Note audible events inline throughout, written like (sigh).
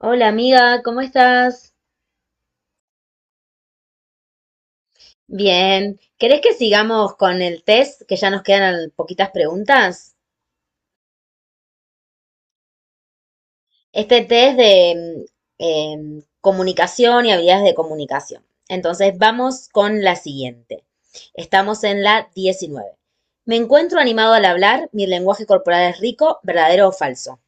Hola amiga, ¿cómo estás? Bien. ¿Querés que sigamos con el test? Que ya nos quedan poquitas preguntas. Este test de comunicación y habilidades de comunicación. Entonces, vamos con la siguiente. Estamos en la 19. Me encuentro animado al hablar, mi lenguaje corporal es rico, ¿verdadero o falso?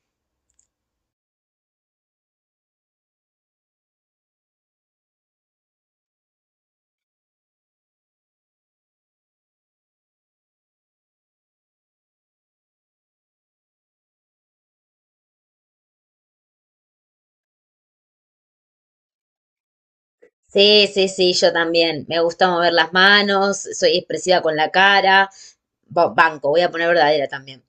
Sí, sí, sí, yo también. Me gusta mover las manos, soy expresiva con la cara. Banco, voy a poner verdadera también.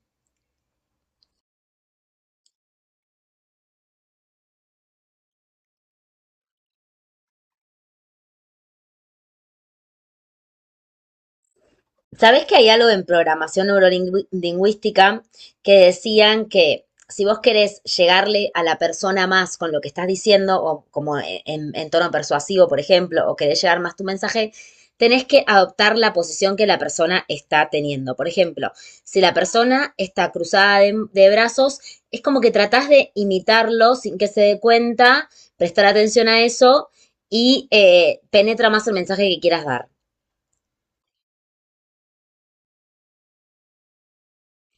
Sabés que hay algo en programación neurolingüística que decían que si vos querés llegarle a la persona más con lo que estás diciendo, o como en tono persuasivo, por ejemplo, o querés llegar más tu mensaje, tenés que adoptar la posición que la persona está teniendo. Por ejemplo, si la persona está cruzada de brazos, es como que tratás de imitarlo sin que se dé cuenta, prestar atención a eso y penetra más el mensaje que quieras dar.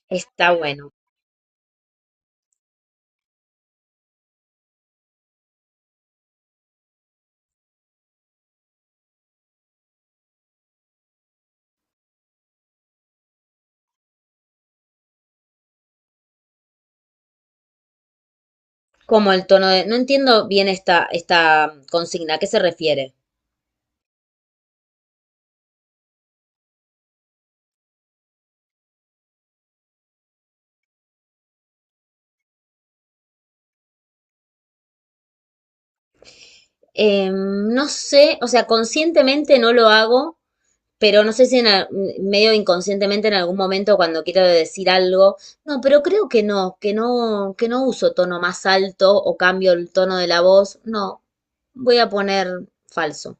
Está bueno. Como el tono de... No entiendo bien esta consigna, ¿a qué se refiere? No sé, o sea, conscientemente no lo hago, pero no sé si en, al- medio inconscientemente en algún momento cuando quiero decir algo, no, pero creo que no, que no uso tono más alto o cambio el tono de la voz, no, voy a poner falso.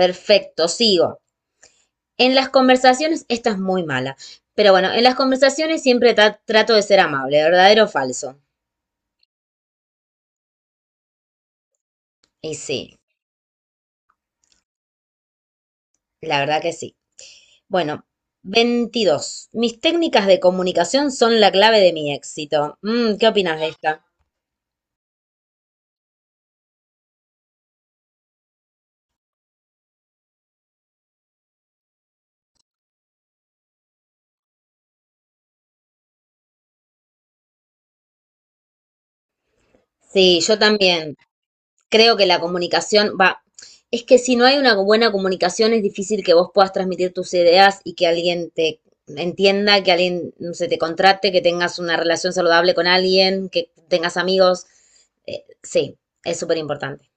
Perfecto, sigo. En las conversaciones, esta es muy mala, pero bueno, en las conversaciones siempre trato de ser amable, ¿verdadero o falso? Y sí. La verdad que sí. Bueno, 22. Mis técnicas de comunicación son la clave de mi éxito. Mm, ¿qué opinas de esta? Sí, yo también. Creo que la comunicación va. Es que si no hay una buena comunicación es difícil que vos puedas transmitir tus ideas y que alguien te entienda, que alguien se te contrate, que tengas una relación saludable con alguien, que tengas amigos. Sí, es súper importante.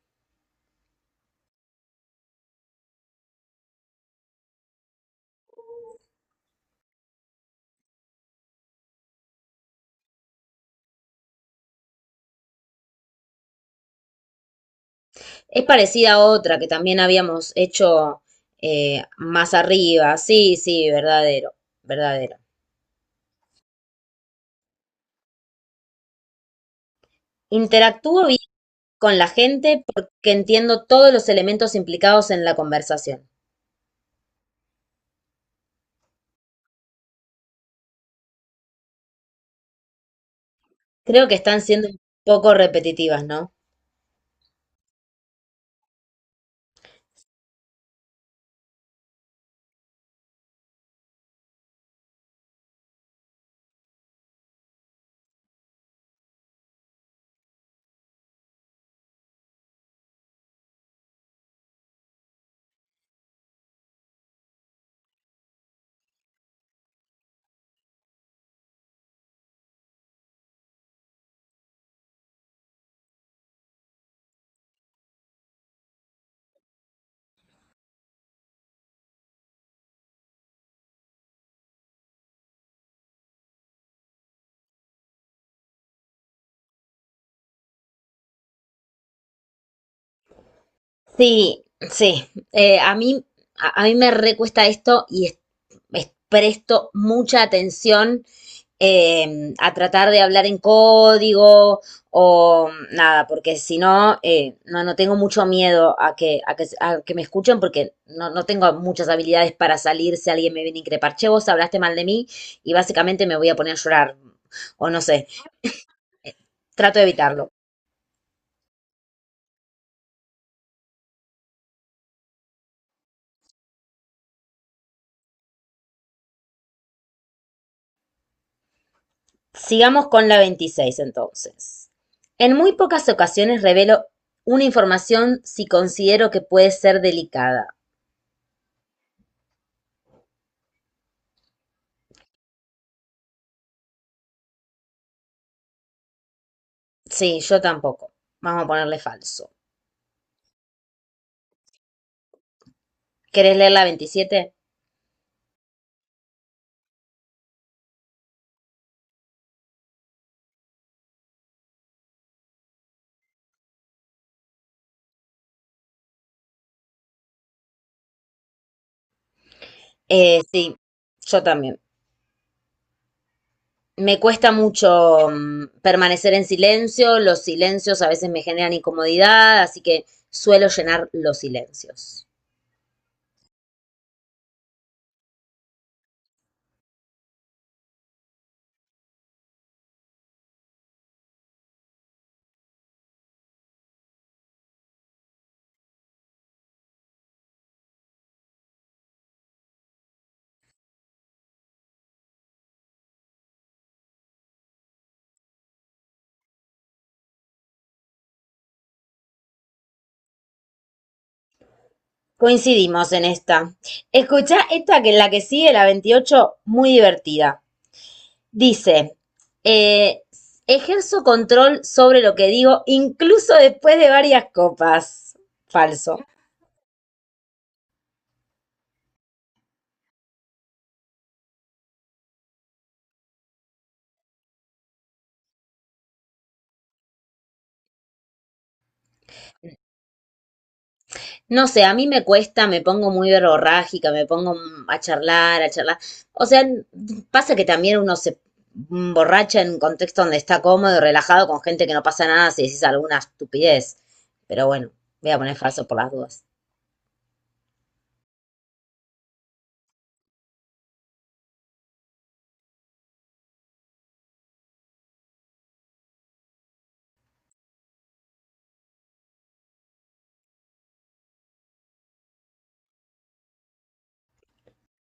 Es parecida a otra que también habíamos hecho más arriba. Sí, sí, verdadero, verdadero. Interactúo bien con la gente porque entiendo todos los elementos implicados en la conversación. Creo que están siendo un poco repetitivas, ¿no? Sí, sí. A mí, a mí me recuesta esto y presto mucha atención a tratar de hablar en código o nada, porque si no, no, no tengo mucho miedo a que, a que me escuchen porque no, no tengo muchas habilidades para salir si alguien me viene a increpar, che, vos hablaste mal de mí y básicamente me voy a poner a llorar o no sé, trato de evitarlo. Sigamos con la 26 entonces. En muy pocas ocasiones revelo una información si considero que puede ser delicada. Sí, yo tampoco. Vamos a ponerle falso. ¿Querés leer la 27? Sí, yo también. Me cuesta mucho permanecer en silencio, los silencios a veces me generan incomodidad, así que suelo llenar los silencios. Coincidimos en esta. Escucha esta que es la que sigue, la 28, muy divertida. Dice, eh, ejerzo control sobre lo que digo incluso después de varias copas. Falso. No sé, a mí me cuesta, me pongo muy verborrágica, me pongo a charlar, a charlar. O sea, pasa que también uno se borracha en un contexto donde está cómodo y relajado con gente que no pasa nada si dices alguna estupidez. Pero bueno, voy a poner falso por las dudas.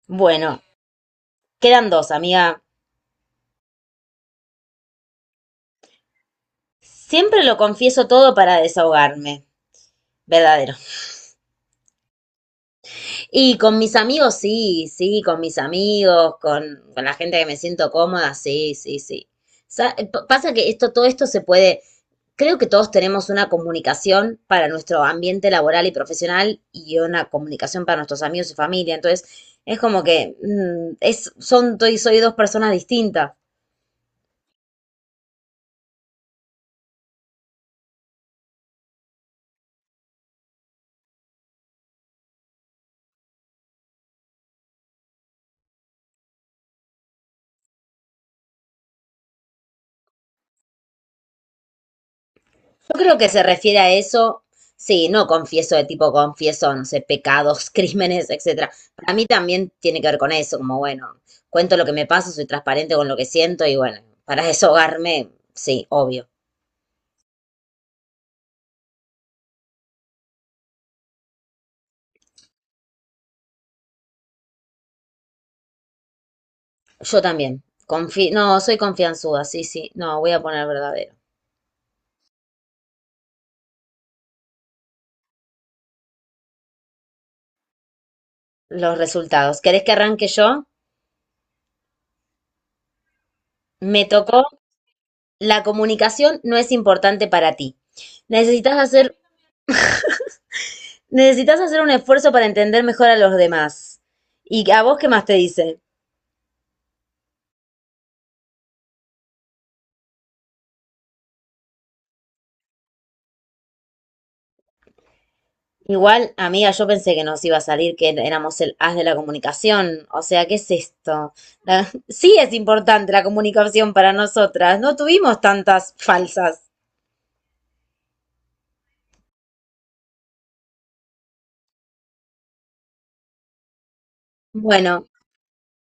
Bueno, quedan dos, amiga. Siempre lo confieso todo para desahogarme. Verdadero. Y con mis amigos, sí, sí, con mis amigos, con la gente que me siento cómoda, sí, sí, sí. Sa- Pasa que esto, todo esto se puede, creo que todos tenemos una comunicación para nuestro ambiente laboral y profesional y una comunicación para nuestros amigos y familia. Entonces, es como que soy dos personas distintas. Yo creo que se refiere a eso, sí, no confieso de tipo confieso, no sé, pecados, (laughs) crímenes, etcétera. Para mí también tiene que ver con eso, como bueno, cuento lo que me pasa, soy transparente con lo que siento y bueno, para (laughs) desahogarme, sí, obvio. Yo también. Confi no, soy confianzuda, sí, sí. No, voy a poner verdadero. Los resultados. ¿Querés que arranque yo? Me tocó. La comunicación no es importante para ti. Necesitas hacer, Necesitas hacer un esfuerzo para entender mejor a los demás. ¿Y a vos qué más te dice? Igual, amiga, yo pensé que nos iba a salir que éramos el as de la comunicación. O sea, ¿qué es esto? (laughs) Sí es importante la comunicación para nosotras. No tuvimos tantas falsas. Bueno,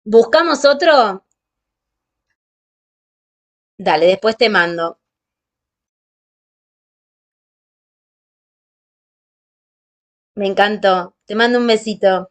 ¿buscamos otro? Dale, después te mando. Me encantó. Te mando un besito.